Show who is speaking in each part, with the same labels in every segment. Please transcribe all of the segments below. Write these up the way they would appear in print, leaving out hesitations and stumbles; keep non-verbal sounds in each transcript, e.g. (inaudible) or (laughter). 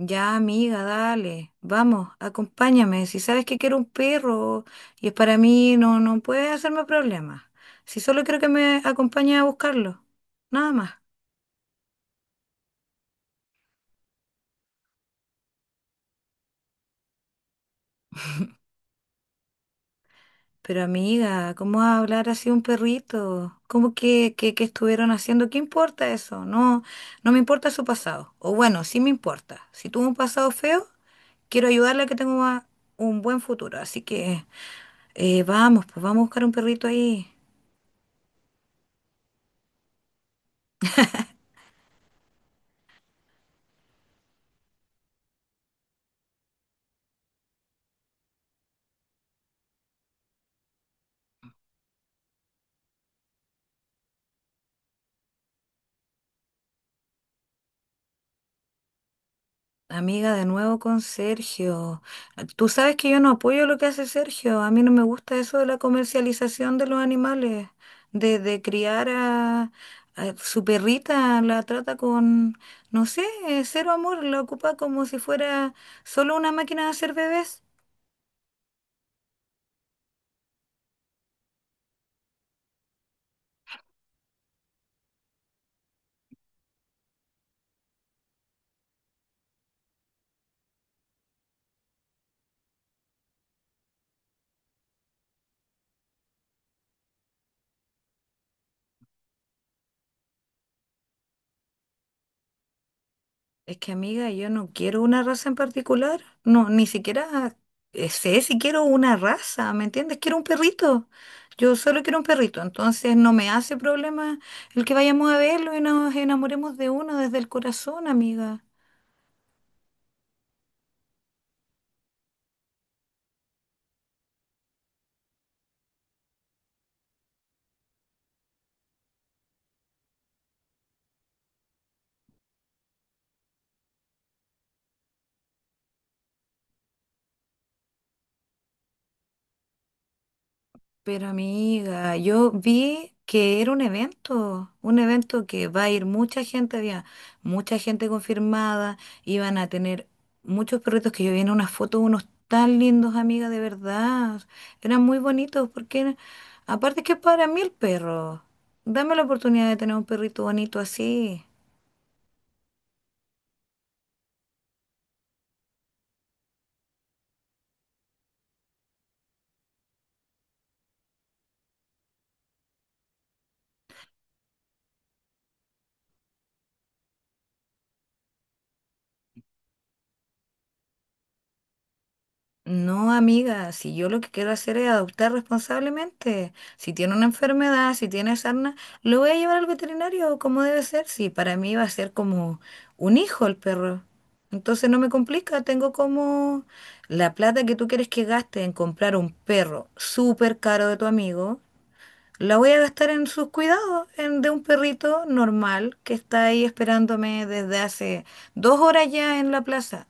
Speaker 1: Ya, amiga, dale, vamos, acompáñame. Si sabes que quiero un perro y es para mí, no, no puedes hacerme problemas. Si solo quiero que me acompañes a buscarlo, nada más. Pero amiga, ¿cómo vas a hablar así de un perrito? ¿Cómo que estuvieron haciendo? ¿Qué importa eso? No, no me importa su pasado. O bueno, sí me importa. Si tuvo un pasado feo, quiero ayudarle a que tenga un buen futuro. Así que vamos, pues vamos a buscar un perrito ahí. Amiga, de nuevo con Sergio. Ah, tú sabes que yo no apoyo lo que hace Sergio. A mí no me gusta eso de la comercialización de los animales, de criar a su perrita, la trata con, no sé, cero amor, la ocupa como si fuera solo una máquina de hacer bebés. Es que amiga, yo no quiero una raza en particular. No, ni siquiera sé si quiero una raza, ¿me entiendes? Quiero un perrito. Yo solo quiero un perrito. Entonces no me hace problema el que vayamos a verlo y nos enamoremos de uno desde el corazón, amiga. Pero amiga, yo vi que era un evento que va a ir mucha gente, había mucha gente confirmada, iban a tener muchos perritos que yo vi en unas fotos, unos tan lindos, amiga, de verdad. Eran muy bonitos porque, aparte que para mí el perro, dame la oportunidad de tener un perrito bonito así. No, amiga, si yo lo que quiero hacer es adoptar responsablemente. Si tiene una enfermedad, si tiene sarna, lo voy a llevar al veterinario como debe ser. Si para mí va a ser como un hijo el perro. Entonces no me complica, tengo como la plata que tú quieres que gaste en comprar un perro súper caro de tu amigo, la voy a gastar en sus cuidados, en de un perrito normal que está ahí esperándome desde hace 2 horas ya en la plaza.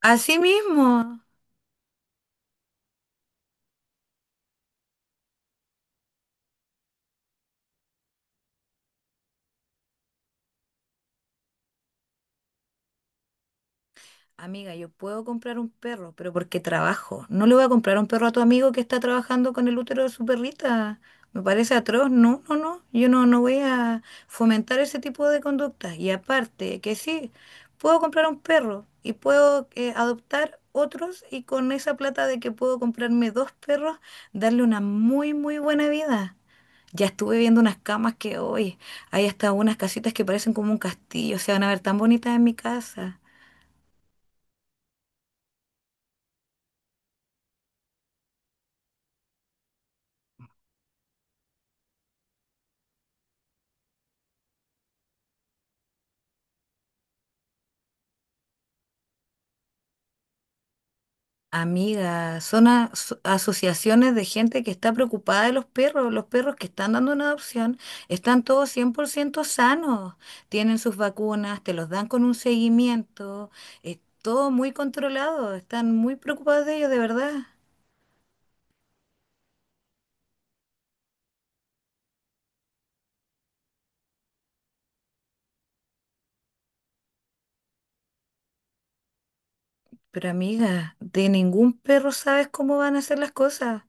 Speaker 1: Así mismo. Amiga, yo puedo comprar un perro, pero porque trabajo. No le voy a comprar un perro a tu amigo que está trabajando con el útero de su perrita. Me parece atroz. No, no, no. Yo no, no voy a fomentar ese tipo de conductas. Y aparte, que sí, puedo comprar un perro y puedo adoptar otros y con esa plata de que puedo comprarme dos perros, darle una muy, muy buena vida. Ya estuve viendo unas camas que hoy hay hasta unas casitas que parecen como un castillo. Se van a ver tan bonitas en mi casa. Amiga, son asociaciones de gente que está preocupada de los perros. Los perros que están dando una adopción están todos 100% sanos. Tienen sus vacunas, te los dan con un seguimiento. Es todo muy controlado. Están muy preocupados de ellos, de verdad. Pero amiga, de ningún perro sabes cómo van a hacer las cosas.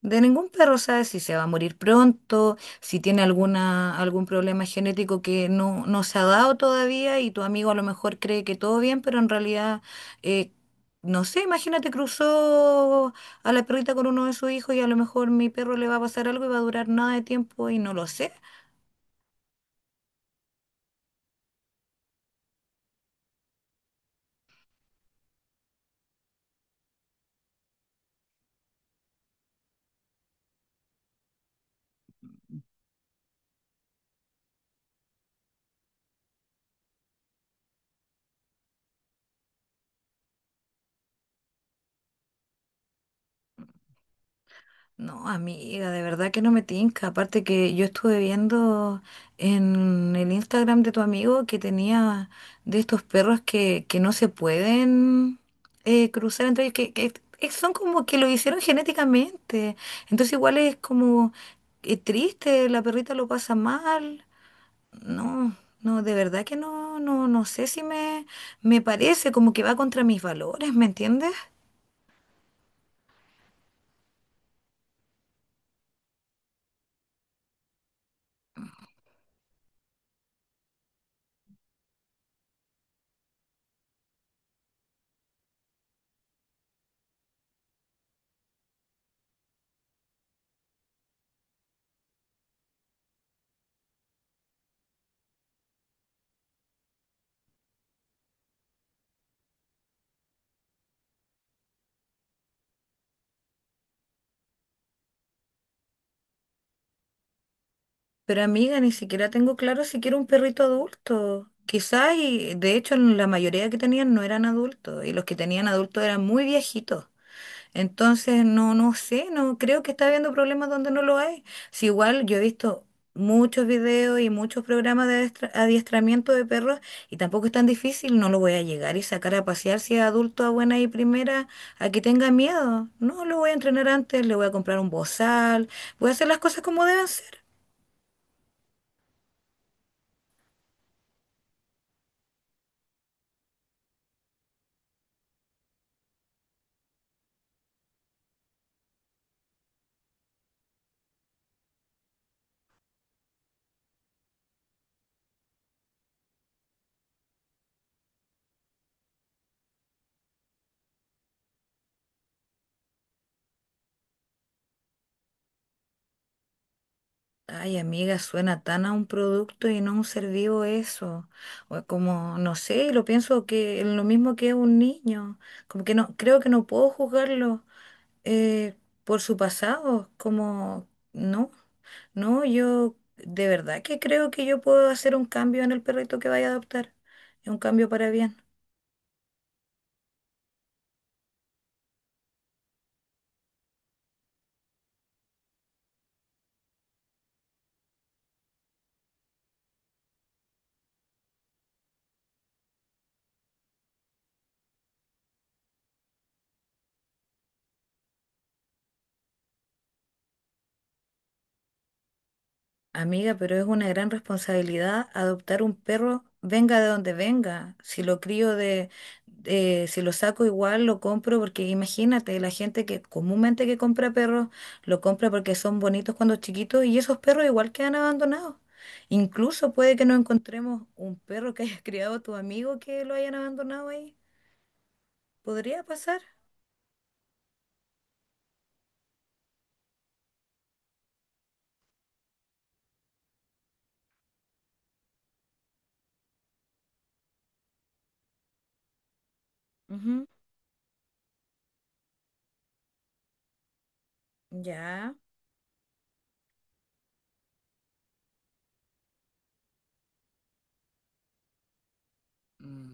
Speaker 1: De ningún perro sabe si se va a morir pronto, si tiene alguna, algún problema genético que no, no se ha dado todavía y tu amigo a lo mejor cree que todo bien, pero en realidad, eh, no sé, imagínate cruzó a la perrita con uno de sus hijos y a lo mejor mi perro le va a pasar algo y va a durar nada de tiempo y no lo sé. No, amiga, de verdad que no me tinca. Aparte que yo estuve viendo en el Instagram de tu amigo que tenía de estos perros que no se pueden cruzar entre ellos, que son como que lo hicieron genéticamente. Entonces igual es como triste, la perrita lo pasa mal. No, no, de verdad que no, no, no sé si me, me parece como que va contra mis valores, ¿me entiendes? Pero amiga, ni siquiera tengo claro si quiero un perrito adulto. Quizás, y de hecho la mayoría que tenían no eran adultos, y los que tenían adultos eran muy viejitos. Entonces, no, no sé, no creo que está habiendo problemas donde no lo hay. Si igual yo he visto muchos videos y muchos programas de adiestramiento de perros, y tampoco es tan difícil, no lo voy a llegar y sacar a pasear si es adulto a buena y primera a que tenga miedo. No, lo voy a entrenar antes, le voy a comprar un bozal, voy a hacer las cosas como deben ser. Ay, amiga, suena tan a un producto y no a un ser vivo eso. O como, no sé, lo pienso que lo mismo que un niño. Como que no, creo que no puedo juzgarlo eh, por su pasado. Como, no, no, yo de verdad que creo que yo puedo hacer un cambio en el perrito que vaya a adoptar. Un cambio para bien. Amiga, pero es una gran responsabilidad adoptar un perro, venga de donde venga. Si lo crío de, si lo saco igual, lo compro porque imagínate, la gente que comúnmente que compra perros, lo compra porque son bonitos cuando chiquitos y esos perros igual quedan abandonados. Incluso puede que no encontremos un perro que (laughs) hayas criado tu amigo que lo hayan abandonado ahí. ¿Podría pasar? Ujú. Ya. Mm.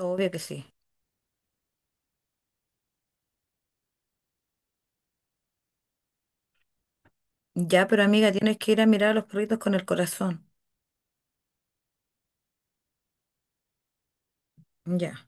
Speaker 1: Obvio que sí. Ya, pero amiga, tienes que ir a mirar a los perritos con el corazón. Ya.